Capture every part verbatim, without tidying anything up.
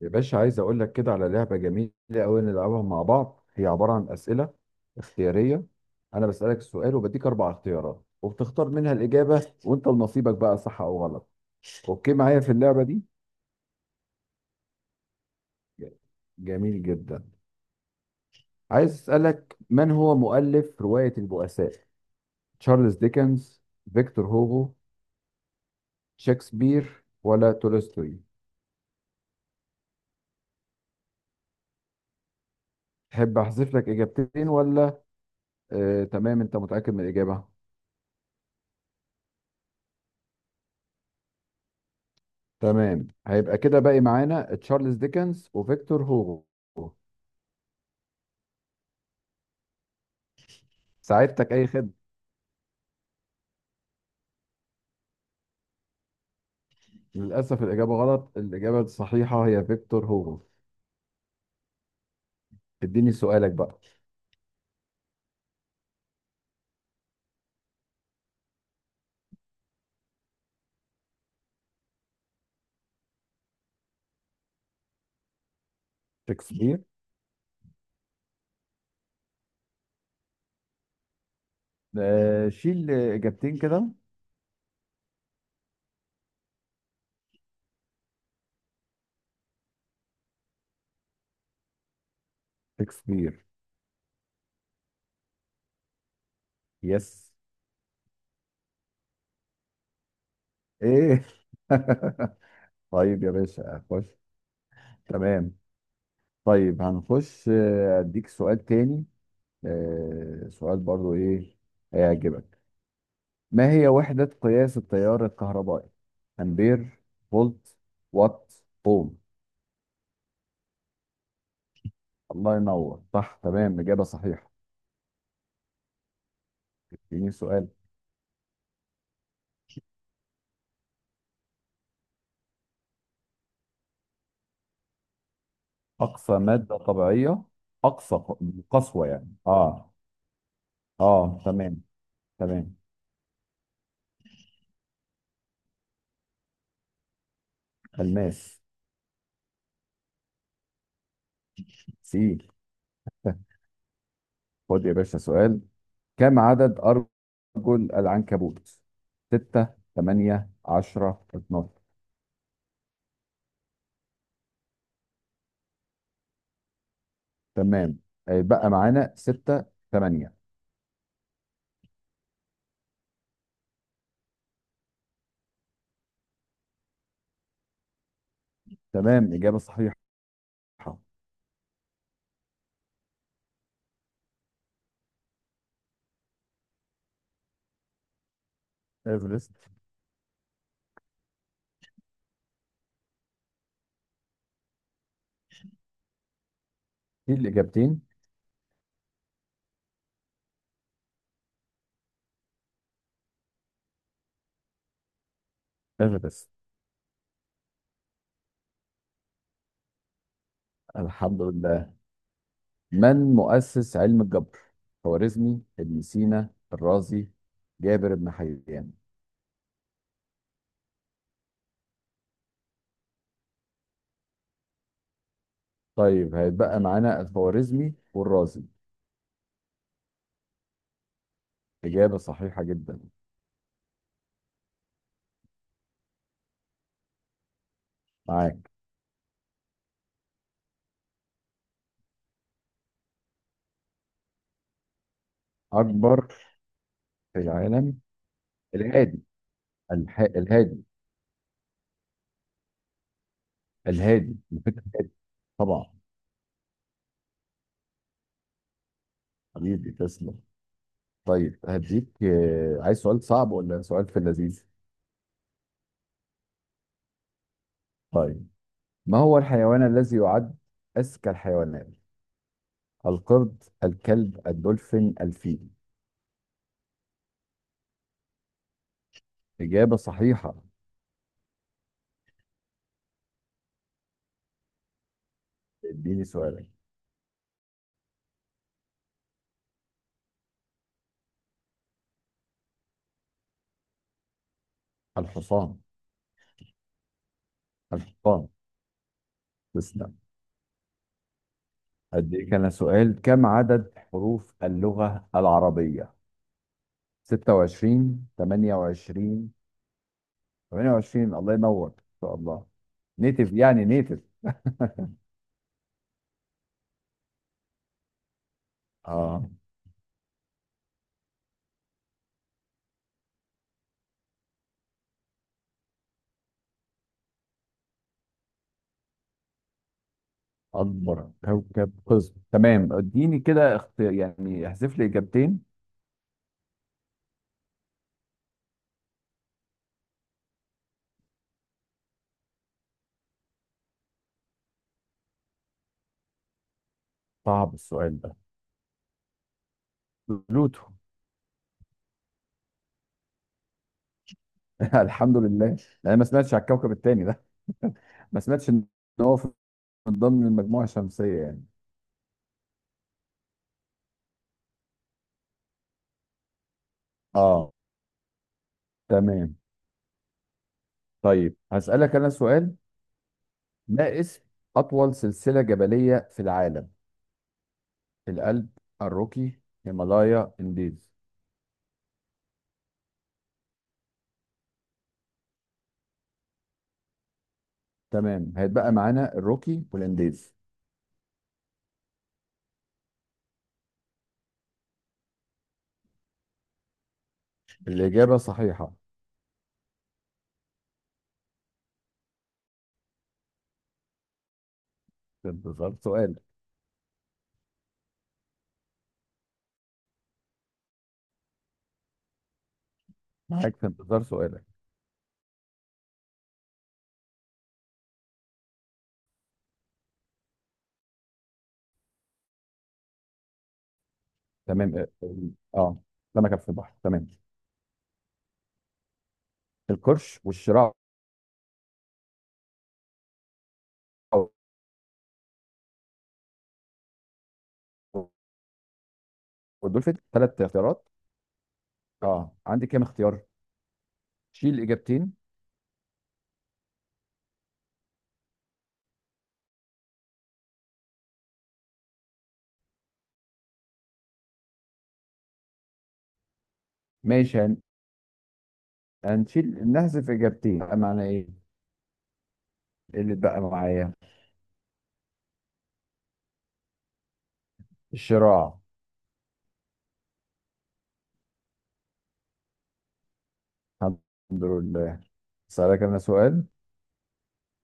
يا باشا، عايز اقول لك كده على لعبه جميله قوي نلعبها مع بعض. هي عباره عن اسئله اختياريه. انا بسالك السؤال وبديك اربع اختيارات وبتختار منها الاجابه، وانت لنصيبك بقى صح او غلط. اوكي معايا في اللعبه دي؟ جميل جدا. عايز اسالك: من هو مؤلف روايه البؤساء؟ تشارلز ديكنز، فيكتور هوغو، شكسبير ولا تولستوي؟ تحب احذف لك اجابتين ولا؟ آه تمام، انت متاكد من الاجابه. تمام، هيبقى كده باقي معانا تشارلز ديكنز وفيكتور هوغو. ساعدتك، اي خدمه. للاسف الاجابه غلط، الاجابه الصحيحه هي فيكتور هوغو. اديني سؤالك بقى. شكسبير. آه شيل اجابتين كده. شكسبير. يس. ايه. طيب يا باشا خش. تمام. طيب هنخش، آه، اديك سؤال تاني. آه، سؤال برضو، ايه، هيعجبك. ما هي وحدة قياس التيار الكهربائي؟ أمبير، فولت، وات، أوم. الله ينور، صح، تمام، إجابة صحيحة. اديني سؤال. أقصى مادة طبيعية. أقصى ق- قسوة يعني، آه. آه تمام. تمام. الماس. سي. خد يا باشا سؤال. كم عدد أرجل العنكبوت؟ ستة، تمانية، عشرة، اثناشر. تمام، هيبقى معانا ستة، تمانية. تمام، إجابة صحيحة. إيفرست. في الإجابتين. آخر بس. الحمد لله. من مؤسس علم الجبر؟ خوارزمي، ابن سينا، الرازي، جابر بن حيان. طيب هيتبقى معانا الخوارزمي والرازي. إجابة صحيحة جدا. معاك. أكبر في العالم. الهادي. الح... الهادي. الهادي، الفكر الهادي. طبعا. حبيبي تسلم. طيب هديك، آه، عايز سؤال صعب ولا سؤال في اللذيذ؟ طيب. ما هو الحيوان الذي يعد أذكى الحيوانات؟ القرد، الكلب، الدولفين، الفيل. إجابة صحيحة. اديني سؤالك. الحصان. الحصان. تسلم. أديك أنا سؤال: كم عدد حروف اللغة العربية؟ ستة وعشرين، تمانية وعشرين. تمانية وعشرين. الله ينور، إن شاء الله. نيتف يعني نيتف آه. أكبر كوكب قزم، تمام اديني كده اخت... يعني احذف لي إجابتين. صعب السؤال ده. بلوتو. الحمد لله. يعني ما سمعتش على الكوكب التاني ده. ما سمعتش ان هو في- من ضمن المجموعه الشمسيه يعني. اه. تمام. طيب هسألك انا سؤال. ما اسم اطول سلسله جبليه في العالم؟ الألب، الروكي، هيمالايا، انديز. تمام هيتبقى معانا الروكي والانديز. الاجابه صحيحه. في انتظار سؤال. معاك في انتظار سؤالك. تمام، اه، آه. سمكه في البحر، تمام. القرش والشراع والدولفين، ثلاث اختيارات. اه عندي كام اختيار؟ شيل اجابتين. ماشي، هن- هنشيل، نحذف اجابتين، بقى معنى ايه؟ إيه اللي اتبقى معايا؟ الشراع. الحمد لله. سألك انا سؤال: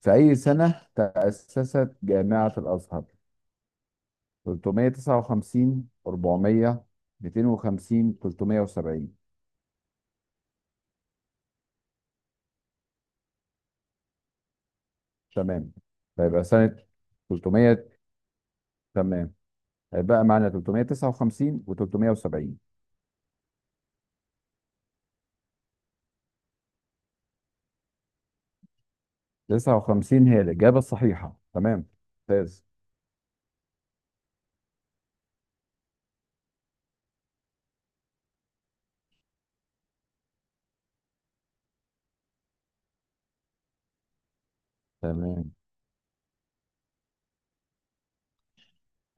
في اي سنة تأسست جامعة الازهر؟ ثلاثمائة وتسعة وخمسين، اربعمية، ميتين وخمسين، تلتمية وسبعين. تمام، فيبقى سنة تلتمية. تمام، هيبقى معانا تلتمية وتسعة وخمسين وتلتمية وسبعين. تسعة وخمسين هي الإجابة الصحيحة. تمام، ممتاز. تمام،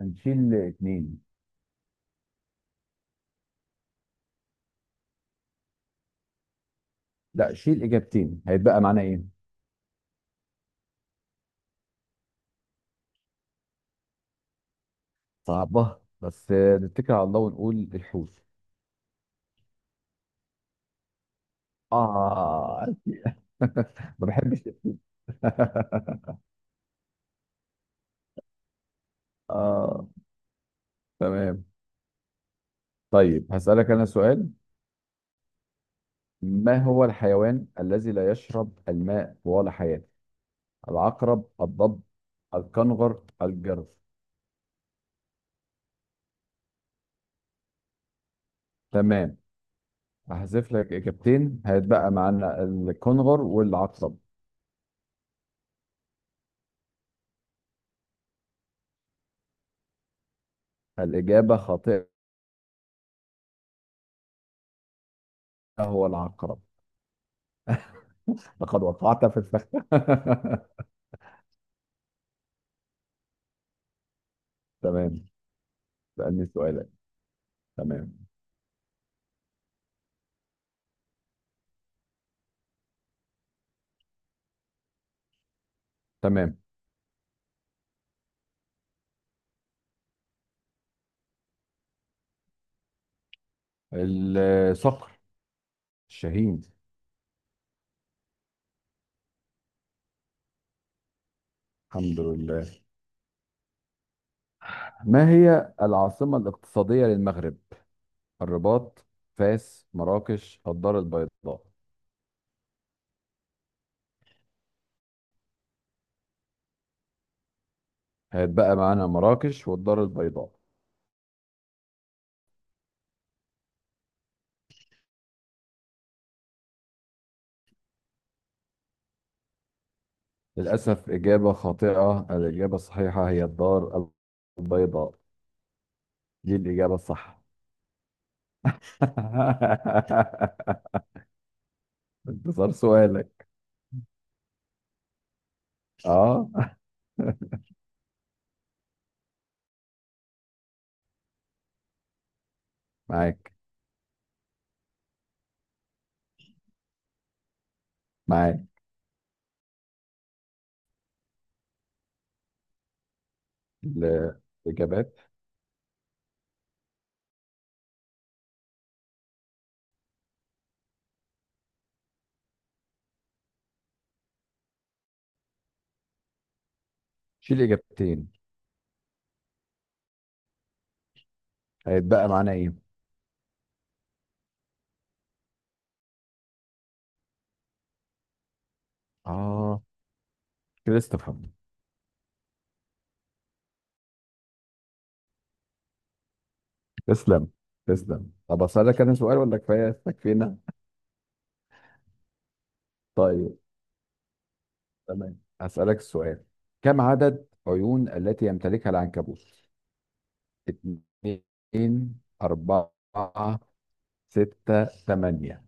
هنشيل اتنين. لا شيل اجابتين، هيتبقى معانا ايه؟ صعبة بس، آه، نتكل على الله ونقول الحوت. اه. ما بحبش. اه تمام. طيب هسألك انا سؤال. ما هو الحيوان الذي لا يشرب الماء طوال حياته؟ العقرب، الضب، الكنغر، الجرذ. تمام، هحذف لك اجابتين، هيتبقى معانا الكنغر والعقرب. الإجابة خاطئة، هو العقرب. لقد وقعت في الفخ. تمام. سألني سؤالك. تمام تمام الصقر الشاهين. الحمد لله. ما هي العاصمة الاقتصادية للمغرب؟ الرباط، فاس، مراكش، الدار البيضاء. هات بقى معانا مراكش والدار البيضاء. للأسف إجابة خاطئة، الإجابة الصحيحة هي الدار البيضاء، دي الإجابة الصح. انتصار سؤالك. اه. معاك معاك الإجابات. شيل إجابتين. هيتبقى معانا إيه؟ آه كده استفهم. تسلم. تسلم. طب أسألك أنا سؤال ولا كفاية تكفينا؟ طيب، تمام أسألك السؤال. كم عدد عيون التي يمتلكها العنكبوت؟ اتنين، أربعة، ستة، تمانية.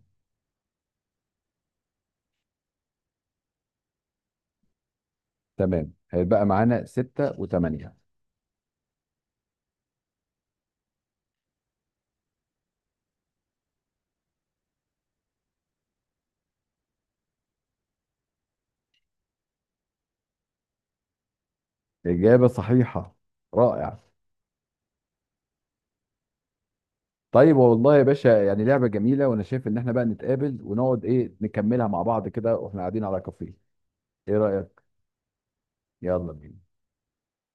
تمام، هيتبقى معانا ستة وتمانية. إجابة صحيحة. رائع. طيب والله يا باشا، يعني لعبة جميلة، وانا شايف ان احنا بقى نتقابل ونقعد، ايه، نكملها مع بعض كده واحنا قاعدين على كافيه. ايه رأيك؟ يلا بينا.